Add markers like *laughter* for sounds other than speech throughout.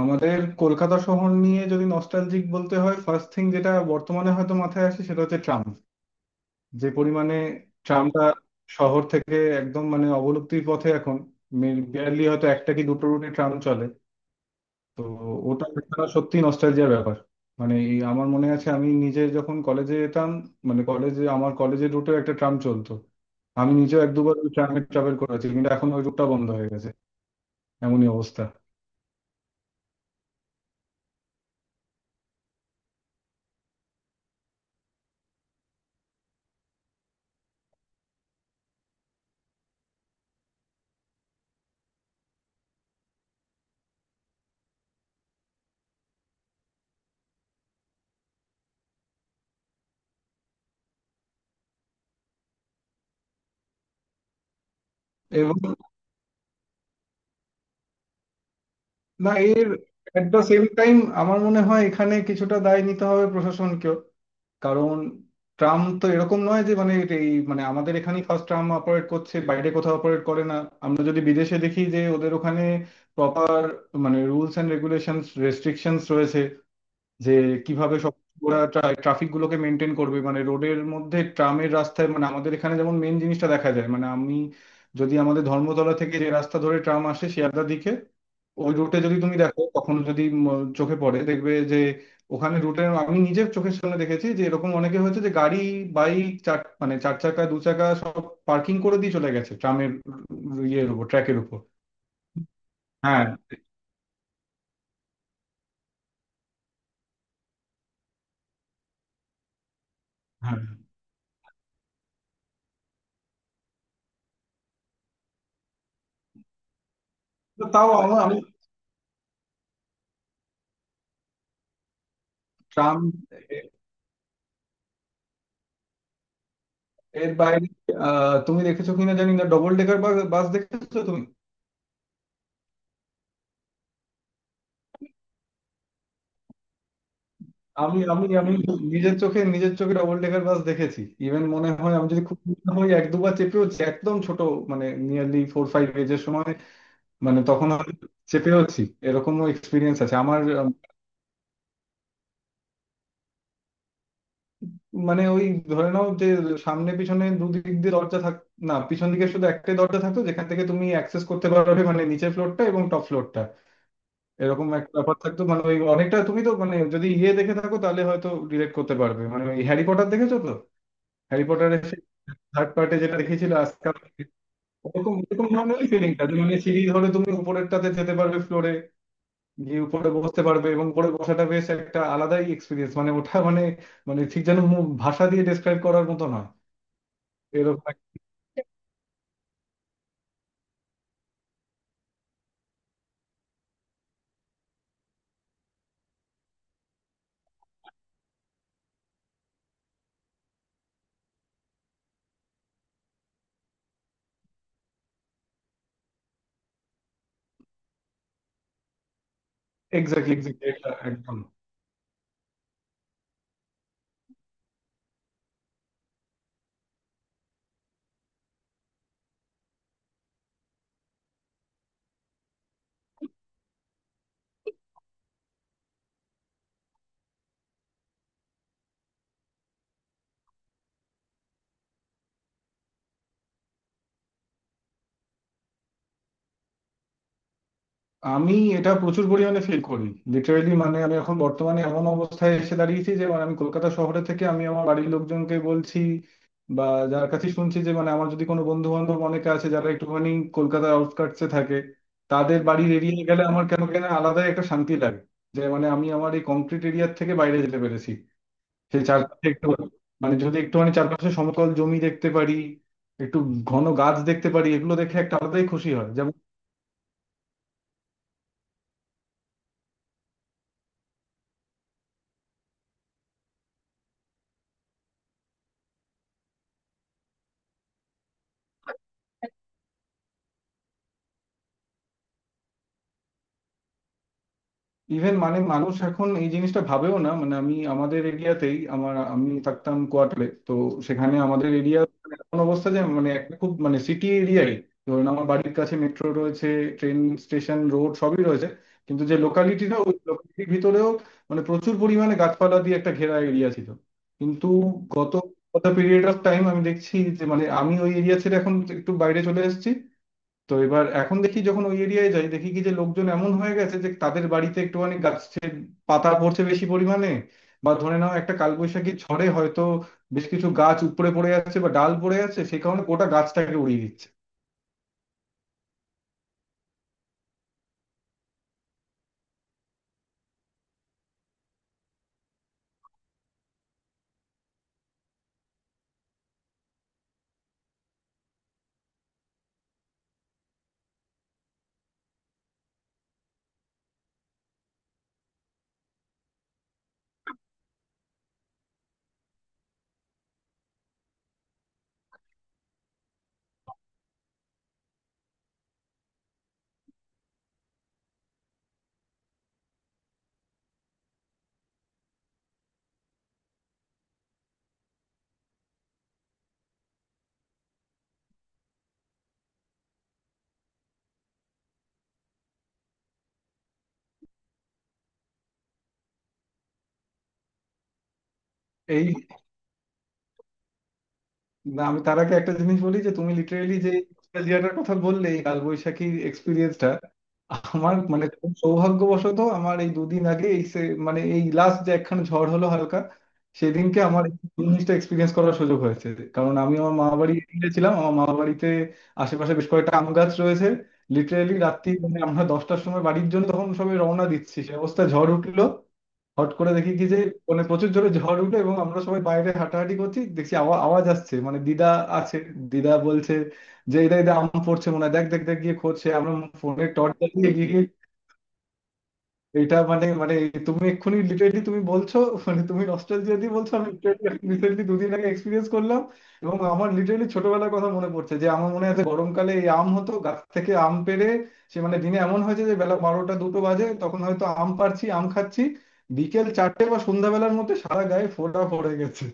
আমাদের কলকাতা শহর নিয়ে যদি নস্টালজিক বলতে হয় ফার্স্ট থিং যেটা বর্তমানে হয়তো মাথায় আসে সেটা হচ্ছে ট্রাম। যে পরিমাণে ট্রামটা শহর থেকে একদম মানে অবলুপ্তির পথে এখন, বিয়ারলি হয়তো একটা কি দুটো রুটে ট্রাম চলে। তো ওটা একটা সত্যি নস্টালজিয়ার ব্যাপার। মানে এই আমার মনে আছে আমি নিজে যখন কলেজে যেতাম, মানে কলেজে আমার কলেজের রুটেও একটা ট্রাম চলতো। আমি নিজেও এক দুবার ওই ট্রামে ট্রাভেল করেছি কিন্তু এখন ওই রুটটা বন্ধ হয়ে গেছে। এমনই অবস্থা। এবং না এর এট দ্য সেম টাইম আমার মনে হয় এখানে কিছুটা দায় নিতে হবে প্রশাসনকেও। কারণ ট্রাম তো এরকম নয় যে মানে এই মানে আমাদের এখানেই ফার্স্ট ট্রাম অপারেট করছে, বাইরে কোথাও অপারেট করে না। আমরা যদি বিদেশে দেখি যে ওদের ওখানে প্রপার মানে রুলস এন্ড রেগুলেশনস রেস্ট্রিকশনস রয়েছে যে কিভাবে সব ওরা ট্রাফিক গুলোকে মেনটেন করবে, মানে রোডের মধ্যে ট্রামের রাস্তায়, মানে আমাদের এখানে যেমন মেন জিনিসটা দেখা যায়, মানে আমি যদি আমাদের ধর্মতলা থেকে যে রাস্তা ধরে ট্রাম আসে শিয়ালদার দিকে, ওই রুটে যদি তুমি দেখো তখন যদি চোখে পড়ে দেখবে যে ওখানে রুটে আমি নিজে চোখের সামনে দেখেছি যে এরকম অনেকে হয়েছে যে গাড়ি বাইক চার মানে চার চাকা দু চাকা সব পার্কিং করে দিয়ে চলে গেছে ট্রামের ইয়ের উপর ট্র্যাকের উপর। হ্যাঁ, হ্যাঁ। তো তাও আমার আমি ট্রাম এর বাইরে তুমি দেখেছো কিনা জানি না ডবল ডেকার বাস দেখেছো তুমি? আমি আমি আমি নিজের চোখে ডবল ডেকার বাস দেখেছি, ইভেন মনে হয় আমি যদি খুব ছোট হই এক দুবার চেপেওছি একদম ছোট, মানে নিয়ারলি 4-5 এজের সময়, মানে তখন আমি চেপেওছি। এরকমও এক্সপিরিয়েন্স আছে আমার। মানে ওই ধরে নাও যে সামনে পিছনে দুদিক দিয়ে দরজা থাক না, পিছন দিকে শুধু একটাই দরজা থাকতো যেখান থেকে তুমি অ্যাক্সেস করতে পারবে মানে নিচের ফ্লোরটা এবং টপ ফ্লোরটা। এরকম একটা ব্যাপার থাকতো, মানে ওই অনেকটা তুমি তো মানে যদি ইয়ে দেখে থাকো তাহলে হয়তো রিলেট করতে পারবে, মানে ওই হ্যারি পটার দেখেছো তো, হ্যারি পটারের থার্ড পার্টে যেটা দেখেছিল আজকাল, ওরকম ওরকম ধরনেরই ফিলিংটা। মানে সিঁড়ি ধরে তুমি উপরেরটাতে যেতে পারবে ফ্লোরে গিয়ে উপরে বসতে পারবে, এবং উপরে বসাটা বেশ একটা আলাদাই এক্সপিরিয়েন্স, মানে ওটা মানে মানে ঠিক যেন ভাষা দিয়ে ডেসক্রাইব করার মতো নয় এরকম। এক্স্যাক্টলি, এক্স্যাক্টলি, একদম। আমি এটা প্রচুর পরিমাণে ফিল করি, লিটারেলি মানে আমি এখন বর্তমানে এমন অবস্থায় এসে দাঁড়িয়েছি যে মানে আমি কলকাতা শহরে থেকে আমি আমার বাড়ির লোকজনকে বলছি বা যার কাছে শুনছি যে মানে আমার যদি কোনো বন্ধু বান্ধব অনেকে আছে যারা একটুখানি কলকাতার আউটস্কার্টসে থাকে, তাদের বাড়ির এরিয়ায় গেলে আমার কেন কেন আলাদা একটা শান্তি লাগে, যে মানে আমি আমার এই কংক্রিট এরিয়ার থেকে বাইরে যেতে পেরেছি সেই চারপাশে একটু, মানে যদি একটুখানি চারপাশে সমতল জমি দেখতে পারি, একটু ঘন গাছ দেখতে পারি, এগুলো দেখে একটা আলাদাই খুশি হয়। ইভেন মানে মানুষ এখন এই জিনিসটা ভাবেও না, মানে আমি আমাদের এরিয়াতেই আমি থাকতাম কোয়ার্টারে তো, সেখানে আমাদের এরিয়া এমন অবস্থা যে মানে একটা খুব মানে সিটি এরিয়াই, ধরুন আমার বাড়ির কাছে মেট্রো রয়েছে, ট্রেন স্টেশন রোড সবই রয়েছে, কিন্তু যে লোকালিটিটা ওই লোকালিটির ভিতরেও মানে প্রচুর পরিমাণে গাছপালা দিয়ে একটা ঘেরা এরিয়া ছিল। কিন্তু গত গত পিরিয়ড অফ টাইম আমি দেখছি যে মানে আমি ওই এরিয়া ছেড়ে এখন একটু বাইরে চলে এসেছি, তো এবার এখন দেখি যখন ওই এরিয়ায় যাই দেখি কি যে লোকজন এমন হয়ে গেছে যে তাদের বাড়িতে একটুখানি গাছের পাতা পড়ছে বেশি পরিমাণে, বা ধরে নাও একটা কালবৈশাখী ঝড়ে হয়তো বেশ কিছু গাছ উপড়ে পড়ে যাচ্ছে বা ডাল পড়ে যাচ্ছে, সেই কারণে গোটা গাছটাকে উড়িয়ে দিচ্ছে। এই না, আমি তার আগে একটা জিনিস বলি যে তুমি লিটারেলি যে নস্টালজিয়াটার কথা বললে, এই কালবৈশাখীর এক্সপিরিয়েন্সটা আমার, মানে খুব সৌভাগ্যবশত আমার এই দুদিন আগে এই মানে এই লাস্ট যে একখানা ঝড় হলো হালকা, সেদিনকে আমার এই জিনিসটা এক্সপিরিয়েন্স করার সুযোগ হয়েছে। কারণ আমি আমার মামা বাড়ি গিয়েছিলাম, আমার মামা বাড়িতে আশেপাশে বেশ কয়েকটা আম গাছ রয়েছে। লিটারেলি রাত্রি মানে আমরা 10টার সময় বাড়ির জন্য তখন সবাই রওনা দিচ্ছি, সে অবস্থা ঝড় উঠলো। হট করে দেখি কি যে মানে প্রচুর জোরে ঝড় উঠলো, এবং আমরা সবাই বাইরে হাঁটাহাঁটি করছি দেখছি আওয়াজ আসছে। মানে দিদা আছে, দিদা বলছে যে এটা এটা আম পড়ছে মনে হয়, দেখ দেখ দেখ গিয়ে খোঁজ। সে আমরা ফোনে টর্চ জ্বালিয়ে গিয়ে গিয়ে, এটা মানে মানে তুমি এক্ষুনি লিটারেলি তুমি বলছো, মানে তুমি নস্টালজিয়া দিয়ে বলছো, আমি লিটারেলি রিসেন্টলি দুদিন আগে এক্সপিরিয়েন্স করলাম। এবং আমার লিটারেলি ছোটবেলার কথা মনে পড়ছে যে আমার মনে আছে গরমকালে এই আম হতো গাছ থেকে আম পেড়ে, সে মানে দিনে এমন হয়েছে যে বেলা 12টা 2টো বাজে তখন হয়তো আম পাড়ছি আম খাচ্ছি, বিকেল 4টে বা সন্ধ্যাবেলার মধ্যে সারা গায়ে ফোঁটা পড়ে গেছে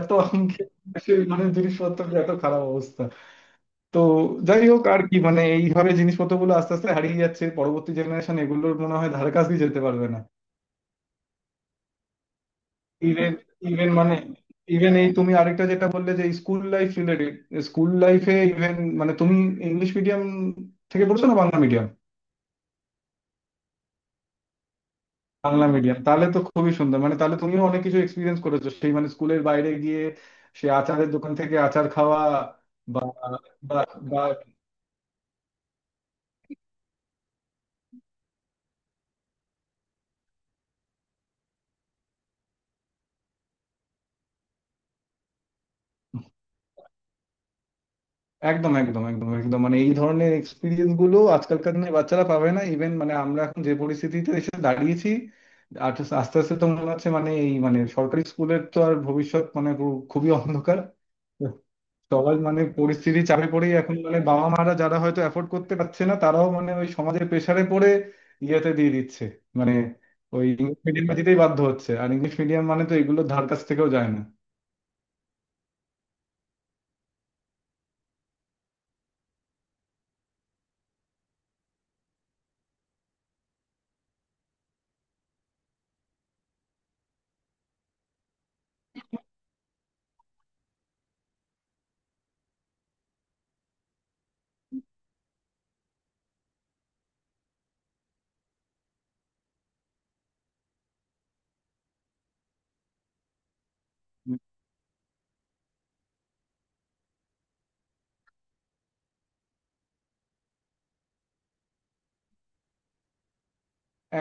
এত আম খেয়ে। সেই মানে জিনিসপত্র এত খারাপ অবস্থা। তো যাই হোক আর কি, মানে এইভাবে জিনিসপত্রগুলো আস্তে আস্তে হারিয়ে যাচ্ছে, পরবর্তী জেনারেশন এগুলোর মনে হয় ধারে কাছে যেতে পারবে না। ইভেন ইভেন মানে ইভেন এই তুমি আরেকটা যেটা বললে যে স্কুল লাইফ রিলেটেড, স্কুল লাইফে ইভেন মানে তুমি ইংলিশ মিডিয়াম থেকে পড়ছো না বাংলা মিডিয়াম? বাংলা মিডিয়াম তাহলে তো খুবই সুন্দর, মানে তাহলে তুমিও অনেক কিছু এক্সপিরিয়েন্স করেছো সেই, মানে স্কুলের বাইরে গিয়ে সে আচারের দোকান থেকে আচার খাওয়া বা একদম একদম একদম একদম মানে এই ধরনের এক্সপিরিয়েন্স গুলো আজকালকার দিনে বাচ্চারা পাবে না, ইভেন মানে আমরা এখন যে পরিস্থিতিতে এসে দাঁড়িয়েছি আর আস্তে আস্তে তো মনে হচ্ছে মানে এই মানে সরকারি স্কুলের তো আর ভবিষ্যৎ মানে খুবই অন্ধকার। সবার মানে পরিস্থিতি চাপে পড়েই এখন মানে বাবা মারা যারা হয়তো অ্যাফোর্ড করতে পারছে না তারাও মানে ওই সমাজের প্রেসারে পড়ে ইয়েতে দিয়ে দিচ্ছে, মানে ওই ইংলিশ মিডিয়ামে দিতেই বাধ্য হচ্ছে। আর ইংলিশ মিডিয়াম মানে তো এগুলো ধার কাছ থেকেও যায় না।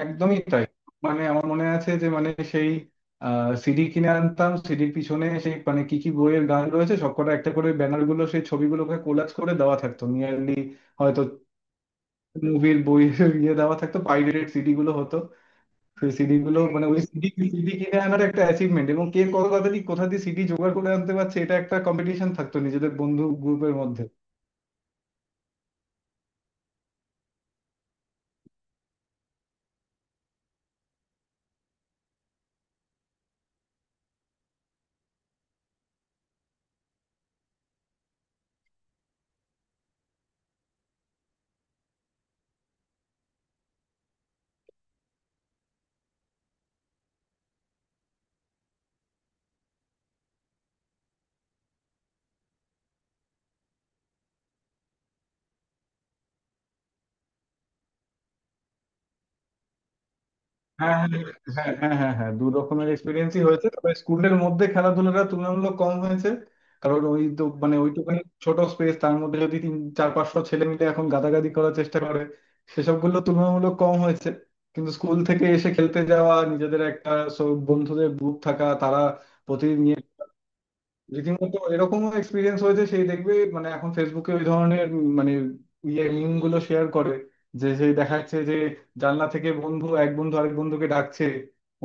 একদমই তাই। মানে আমার মনে আছে যে মানে সেই সিডি কিনে আনতাম, সিডির পিছনে সেই মানে কি কি বইয়ের গান রয়েছে সবকটা একটা করে ব্যানার গুলো সেই ছবিগুলোকে কোলাজ করে দেওয়া থাকতো, নিয়ারলি হয়তো মুভির বই *laughs* ইয়ে দেওয়া থাকতো, পাইরেটেড সিডি গুলো হতো। সেই সিডি গুলো মানে ওই সিডি সিডি কিনে আনার একটা অ্যাচিভমেন্ট, এবং কে কত কথা দিয়ে কোথা দিয়ে সিডি জোগাড় করে আনতে পারছে এটা একটা কম্পিটিশন থাকতো নিজেদের বন্ধু গ্রুপের মধ্যে। হ্যাঁ হ্যাঁ হ্যাঁ হ্যাঁ হ্যাঁ হ্যাঁ, দু রকমের এক্সপিরিয়েন্সই হয়েছে, তবে স্কুলের মধ্যে খেলাধুলাটা তুলনামূলক কম হয়েছে, কারণ ওই তো মানে ওইটুখানি ছোট স্পেস তার মধ্যে যদি তিন চার 500 ছেলে মিলে এখন গাদাগাদি করার চেষ্টা করে, সেসবগুলো তুলনামূলক কম হয়েছে। কিন্তু স্কুল থেকে এসে খেলতে যাওয়া, নিজেদের একটা সব বন্ধুদের গ্রুপ থাকা, তারা প্রতিদিন রীতিমতো এরকমও এক্সপিরিয়েন্স হয়েছে। সেই দেখবে মানে এখন ফেসবুকে ওই ধরনের মানে ইয়ে মিম গুলো শেয়ার করে যে সেই দেখাচ্ছে যে জানলা থেকে বন্ধু এক বন্ধু আরেক বন্ধুকে ডাকছে,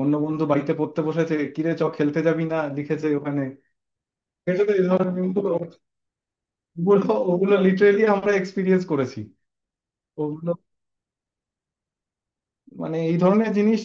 অন্য বন্ধু বাড়িতে পড়তে বসেছে, কিরে চ খেলতে যাবি না লিখেছে ওখানে। দেখেছো তো এই ধরনের মিম গুলো, ওগুলো ওগুলো লিটারেলি আমরা এক্সপিরিয়েন্স করেছি। ওগুলো মানে এই ধরনের জিনিস।